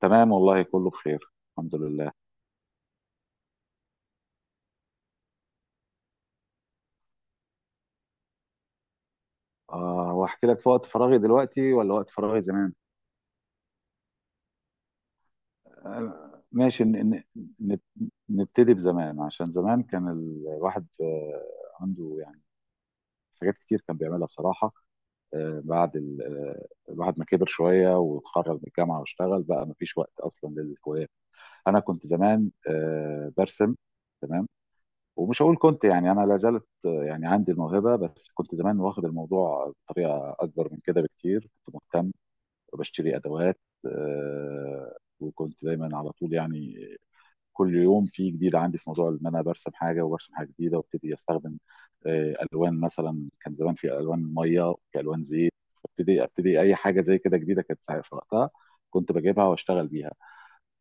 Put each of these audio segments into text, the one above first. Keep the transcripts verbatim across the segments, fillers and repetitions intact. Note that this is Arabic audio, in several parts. تمام والله كله بخير الحمد لله. آه واحكي لك في وقت فراغي دلوقتي ولا وقت فراغي زمان؟ آه ماشي ن- ن- ن- نبتدي بزمان، عشان زمان كان ال- الواحد آه عنده يعني حاجات كتير كان بيعملها بصراحة. آه بعد ال- آه الواحد ما كبر شوية واتخرج من الجامعة واشتغل بقى، ما فيش وقت أصلا للهوايات. أنا كنت زمان آه برسم. تمام. ومش هقول كنت، يعني انا لا زالت يعني عندي الموهبه، بس كنت زمان واخد الموضوع بطريقه اكبر من كده بكتير، كنت مهتم وبشتري ادوات. آه، وكنت دايما على طول يعني كل يوم في جديد عندي، في موضوع ان انا برسم حاجه وبرسم حاجه جديده وابتدي استخدم آه، الوان، مثلا كان زمان في الوان ميه وفي الوان زيت. ابتدي ابتدي اي حاجه زي كده جديده كانت ساعة- في وقتها كنت بجيبها واشتغل بيها.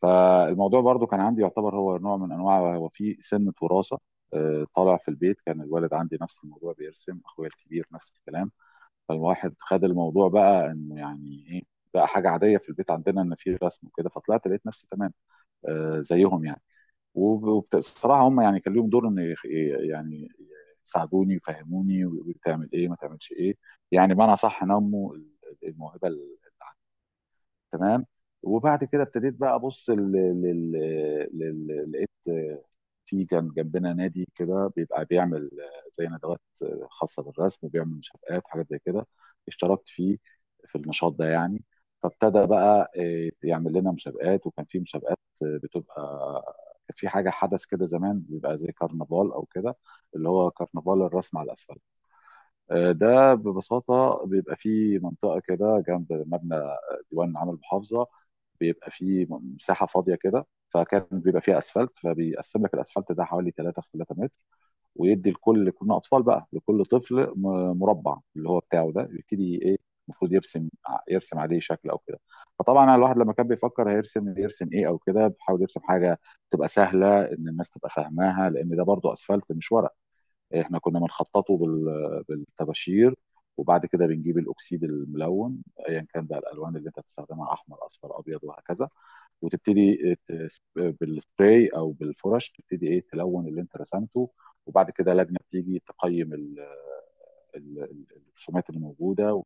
فالموضوع برضو كان عندي، يعتبر هو نوع من انواع، هو في سنه وراثه. آه، طالع في البيت، كان الوالد عندي نفس الموضوع بيرسم، اخويا الكبير نفس الكلام. فالواحد خد الموضوع بقى انه يعني ايه، بقى حاجه عاديه في البيت عندنا ان في رسم وكده، فطلعت لقيت نفسي تمام آه، زيهم يعني. وبصراحه هم يعني كان ليهم دور ان يخ- يعني يساعدوني، يفهموني ويقولوا لي تعمل ايه ما تعملش ايه، يعني بمعنى صح نموا الموهبه اللي عندي. تمام. وبعد كده ابتديت بقى ابص لل... لل... لل... لقيت، في كان جنبنا نادي كده بيبقى بيعمل زي ندوات خاصه بالرسم، بيعمل مسابقات حاجات زي كده. اشتركت فيه في النشاط ده يعني. فابتدى بقى إيه، يعمل لنا مسابقات، وكان في مسابقات بتبقى، كان في حاجه حدث كده زمان بيبقى زي كرنفال او كده، اللي هو كرنفال الرسم على الاسفل. آه، ده ببساطة بيبقى فيه منطقة كده جنب مبنى آه، ديوان عام المحافظة، بيبقى فيه مساحة فاضية كده، فكان بيبقى فيها اسفلت، فبيقسم لك الاسفلت ده حوالي ثلاثة في ثلاثة متر. ويدي لكل، كنا اطفال بقى، لكل طفل م- مربع اللي هو بتاعه، ده يبتدي ايه، المفروض يرسم ع- يرسم عليه شكل او كده. فطبعا يعني الواحد لما كان بيفكر هيرسم يرسم ايه او كده، بيحاول يرسم حاجه تبقى سهله ان الناس تبقى فاهماها، لان ده برضو اسفلت مش ورق. احنا كنا بنخططه بال- بالطباشير، وبعد كده بنجيب الاكسيد الملون، ايا كان بقى الالوان اللي انت بتستخدمها، احمر اصفر ابيض وهكذا. وتبتدي ت- بالسبراي او بالفرش، تبتدي ايه تلون اللي انت رسمته. وبعد كده لجنه بتيجي تقيم ال- ال- ال- الرسومات اللي موجوده.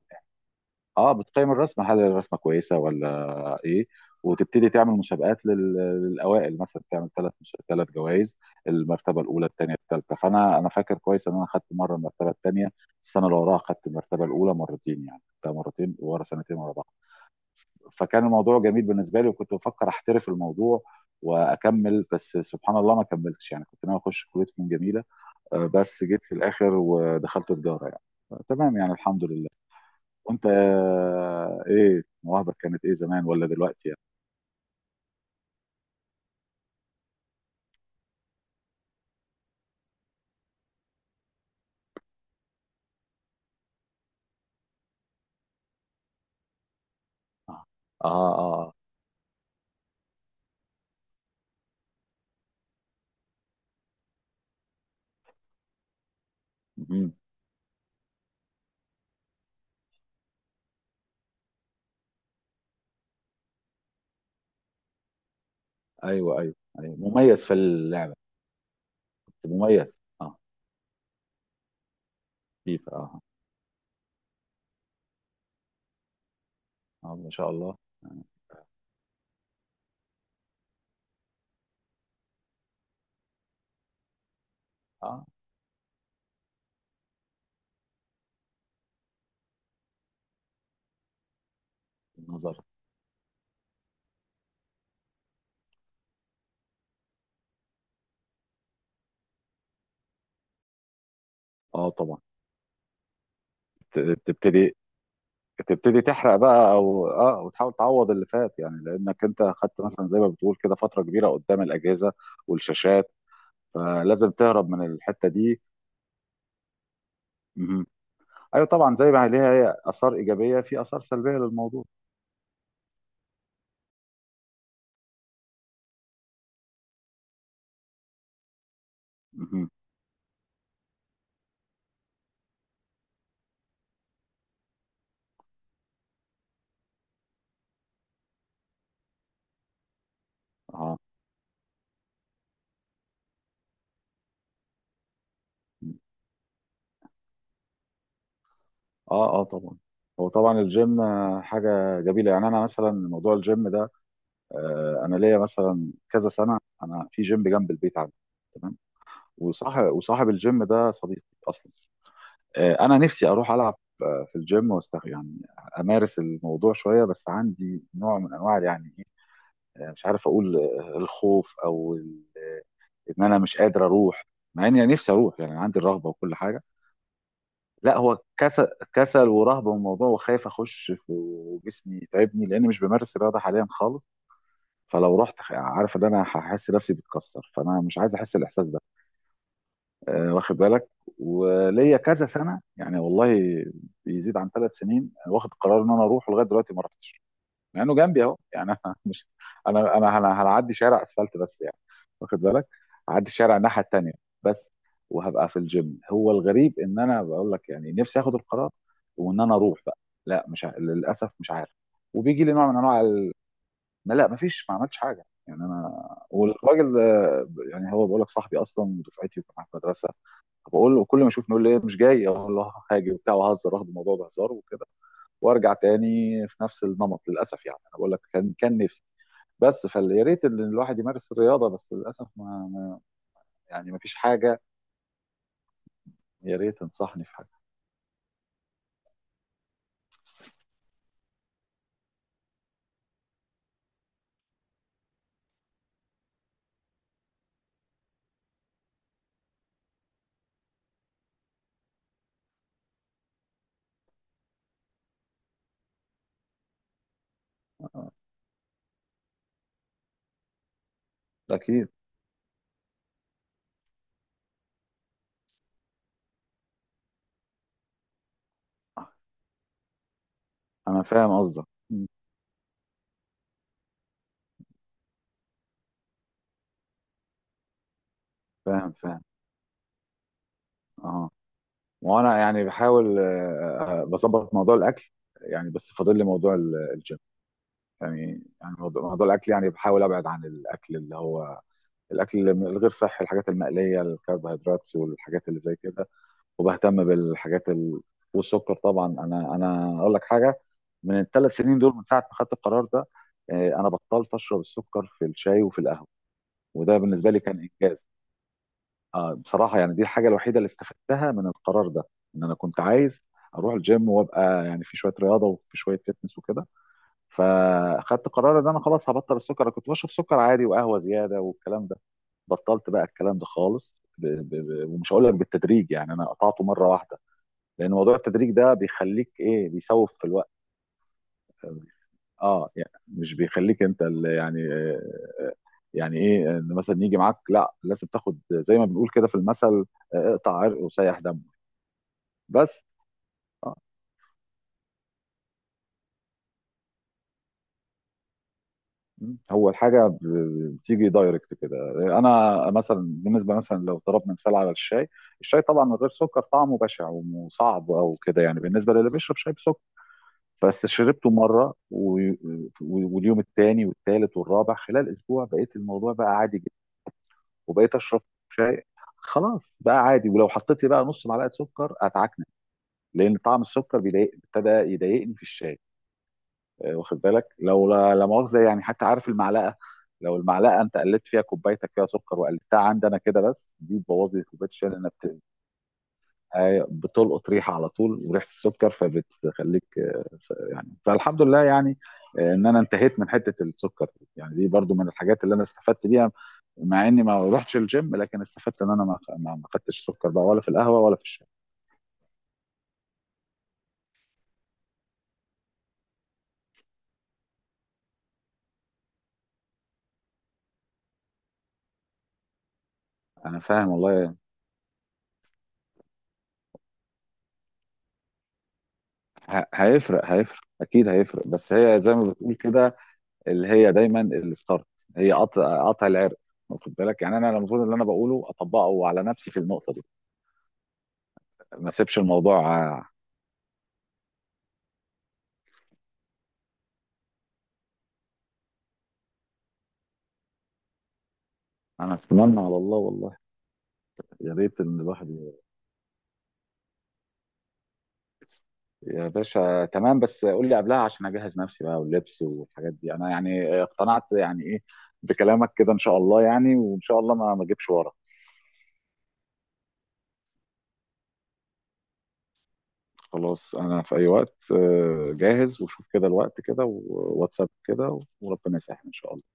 اه بتقيم الرسمه، هل الرسمه كويسه ولا ايه، وتبتدي تعمل مسابقات لل- للاوائل، مثلا تعمل ثلاث مش... ثلاث جوائز، المرتبه الاولى الثانيه الثالثه. فانا انا فاكر كويس ان انا خدت مره المرتبه الثانيه، السنه اللي وراها خدت المرتبه الاولى مرتين، يعني خدتها مرتين ورا، سنتين ورا بعض. فكان الموضوع جميل بالنسبه لي، وكنت بفكر احترف الموضوع واكمل، بس سبحان الله ما كملتش، يعني كنت ناوي اخش كليه فنون جميله. آه، بس جيت في الاخر ودخلت تجاره يعني، تمام يعني الحمد لله. وانت آه، ايه مواهبك، كانت ايه زمان ولا دلوقتي يعني؟ اه. اه, آه. مهم. ايوه ايوه ايوه مميز في اللعبه. كنت مميز اه. فيفا اه. اه. آه، ما شاء الله. اه، النظر. اه طبعا. ت- تبتدي تبتدي تحرق بقى او اه وتحاول تعوض اللي فات، يعني لانك انت خدت مثلا زي ما بتقول كده فتره كبيره قدام الاجهزه والشاشات، فلازم تهرب من الحته دي. مهم. ايوه طبعا زي ما ليها هي اثار ايجابيه، في اثار سلبيه للموضوع. مهم. اه اه اه طبعا. هو طبعا الجيم آه، حاجه جميله يعني، انا مثلا موضوع الجيم ده، آه، انا ليا مثلا كذا سنه. انا في جيم جنب البيت عندي، تمام. وصاحب وصاحب الجيم ده صديقي اصلا. آه، انا نفسي اروح العب آه، في الجيم واستغ يعني امارس الموضوع شويه، بس عندي نوع من انواع يعني إيه، آه، مش عارف اقول آه، الخوف او ال- آه، ان انا مش قادر اروح، مع اني نفسي اروح يعني عندي الرغبه وكل حاجه. لا هو كسل، كسل ورهبه من الموضوع، وخايف اخش في، وجسمي يتعبني لان مش بمارس الرياضه حاليا خالص. فلو رحت خ- عارف ان انا هحس نفسي بتكسر، فانا مش عايز احس الاحساس ده. آه، واخد بالك. وليا كذا سنه يعني والله، بيزيد عن ثلاث سنين واخد قرار ان انا اروح، ولغايه دلوقتي ما رحتش، مع انه جنبي اهو يعني انا مش، انا انا أنا هنعدي شارع اسفلت بس يعني. واخد بالك، هعدي الشارع الناحيه التانيه بس، وهبقى في الجيم. هو الغريب ان انا بقول لك يعني نفسي اخد القرار وان انا اروح بقى، لا مش ع- للاسف مش عارف. وبيجي لي نوع من انواع ال... ما لا ما فيش، ما عملتش حاجه يعني انا والراجل ده، يعني هو بقول لك صاحبي اصلا ودفعتي وكان معايا في المدرسه. بقول له كل ما اشوفه يقول لي إيه، مش جاي، اقول له آه، هاجي وبتاع وهزر، واخد الموضوع بهزار وكده وارجع تاني في نفس النمط، للاسف. يعني انا بقول لك كان كان نفسي بس، فيا ريت ان الواحد يمارس الرياضه، بس للاسف ما ما- يعني ما فيش حاجه. يا ريت تنصحني في حاجه. آه، اكيد. انا فاهم قصدك. مم. فاهم فاهم اه. وانا يعني بحاول آه، آه، بظبط موضوع الاكل يعني، بس فاضل لي موضوع ال- الجيم يعني، يعني موضوع موضوع الاكل يعني بحاول ابعد عن الاكل اللي هو الاكل الغير صحي، الحاجات المقليه، الكربوهيدرات، والحاجات اللي زي كده. وبهتم بالحاجات ال... والسكر طبعا، انا انا اقول لك حاجه. من الثلاث سنين دول، من ساعه ما خدت القرار ده، آه، انا بطلت اشرب السكر في الشاي وفي القهوه، وده بالنسبه لي كان انجاز. آه، بصراحه يعني دي الحاجه الوحيده اللي استفدتها من القرار ده، ان انا كنت عايز اروح الجيم وابقى يعني في شويه رياضه وفي شويه فتنس وكده، فاخدت قرار ان انا خلاص هبطل السكر. انا كنت بشرب سكر عادي وقهوه زياده والكلام ده، بطلت بقى الكلام ده خالص ب... ب... ب... ومش هقول لك بالتدريج، يعني انا قطعته مره واحده، لان موضوع التدريج ده بيخليك ايه، بيسوف في الوقت. اه يعني مش بيخليك انت اللي يعني آه، آه، يعني ايه، ان مثلا يجي معاك، لا لازم تاخد زي ما بنقول كده في المثل، آه، اقطع عرق وسيح دمه بس. آه. م. هو الحاجه ب- بتيجي دايركت كده. انا مثلا بالنسبه، مثلا لو ضربنا مثال على الشاي، الشاي طبعا من غير سكر طعمه بشع وصعب او كده، يعني بالنسبه للي بيشرب شاي بسكر. بس شربته مره و... و- واليوم الثاني والثالث والرابع خلال اسبوع بقيت الموضوع بقى عادي جدا. وبقيت اشرب شاي، خلاص بقى عادي، ولو حطيت لي بقى نص معلقه سكر اتعكنن، لان طعم السكر بيضايق ابتدى يضايقني في الشاي. آه، واخد بالك. لو، لا لا مؤاخذه يعني، حتى عارف المعلقه، لو المعلقه انت قلبت فيها كوبايتك فيها سكر وقلبتها عندي انا كده، بس دي بتبوظ لي كوبايه الشاي لانها بت- أيوة، بتلقط ريحه على طول، وريحه السكر فبتخليك آه، ف- يعني فالحمد لله يعني آه، ان انا انتهيت من حته السكر دي. يعني دي برضو من الحاجات اللي انا استفدت بيها، مع اني ما رحتش الجيم، لكن استفدت ان انا ما ما ما خدتش سكر بقى ولا في القهوه ولا في الشاي. انا فاهم والله. ه- هيفرق هيفرق اكيد هيفرق، بس هي زي ما بتقول كده، اللي هي دايما الستارت، هي قطع قطع العرق. واخد بالك، يعني انا المفروض اللي انا بقوله اطبقه على نفسي في النقطه دي، ما اسيبش الموضوع آه، انا اتمنى على الله والله. يا ريت ان الواحد ي- يا باشا تمام، بس قول لي قبلها عشان اجهز نفسي بقى، واللبس والحاجات دي، انا يعني اقتنعت يعني ايه بكلامك كده ان شاء الله، يعني وان شاء الله ما ما اجيبش ورا. خلاص انا في اي وقت آه، جاهز، وشوف كده الوقت كده وواتساب كده، وربنا يسهل ان شاء الله.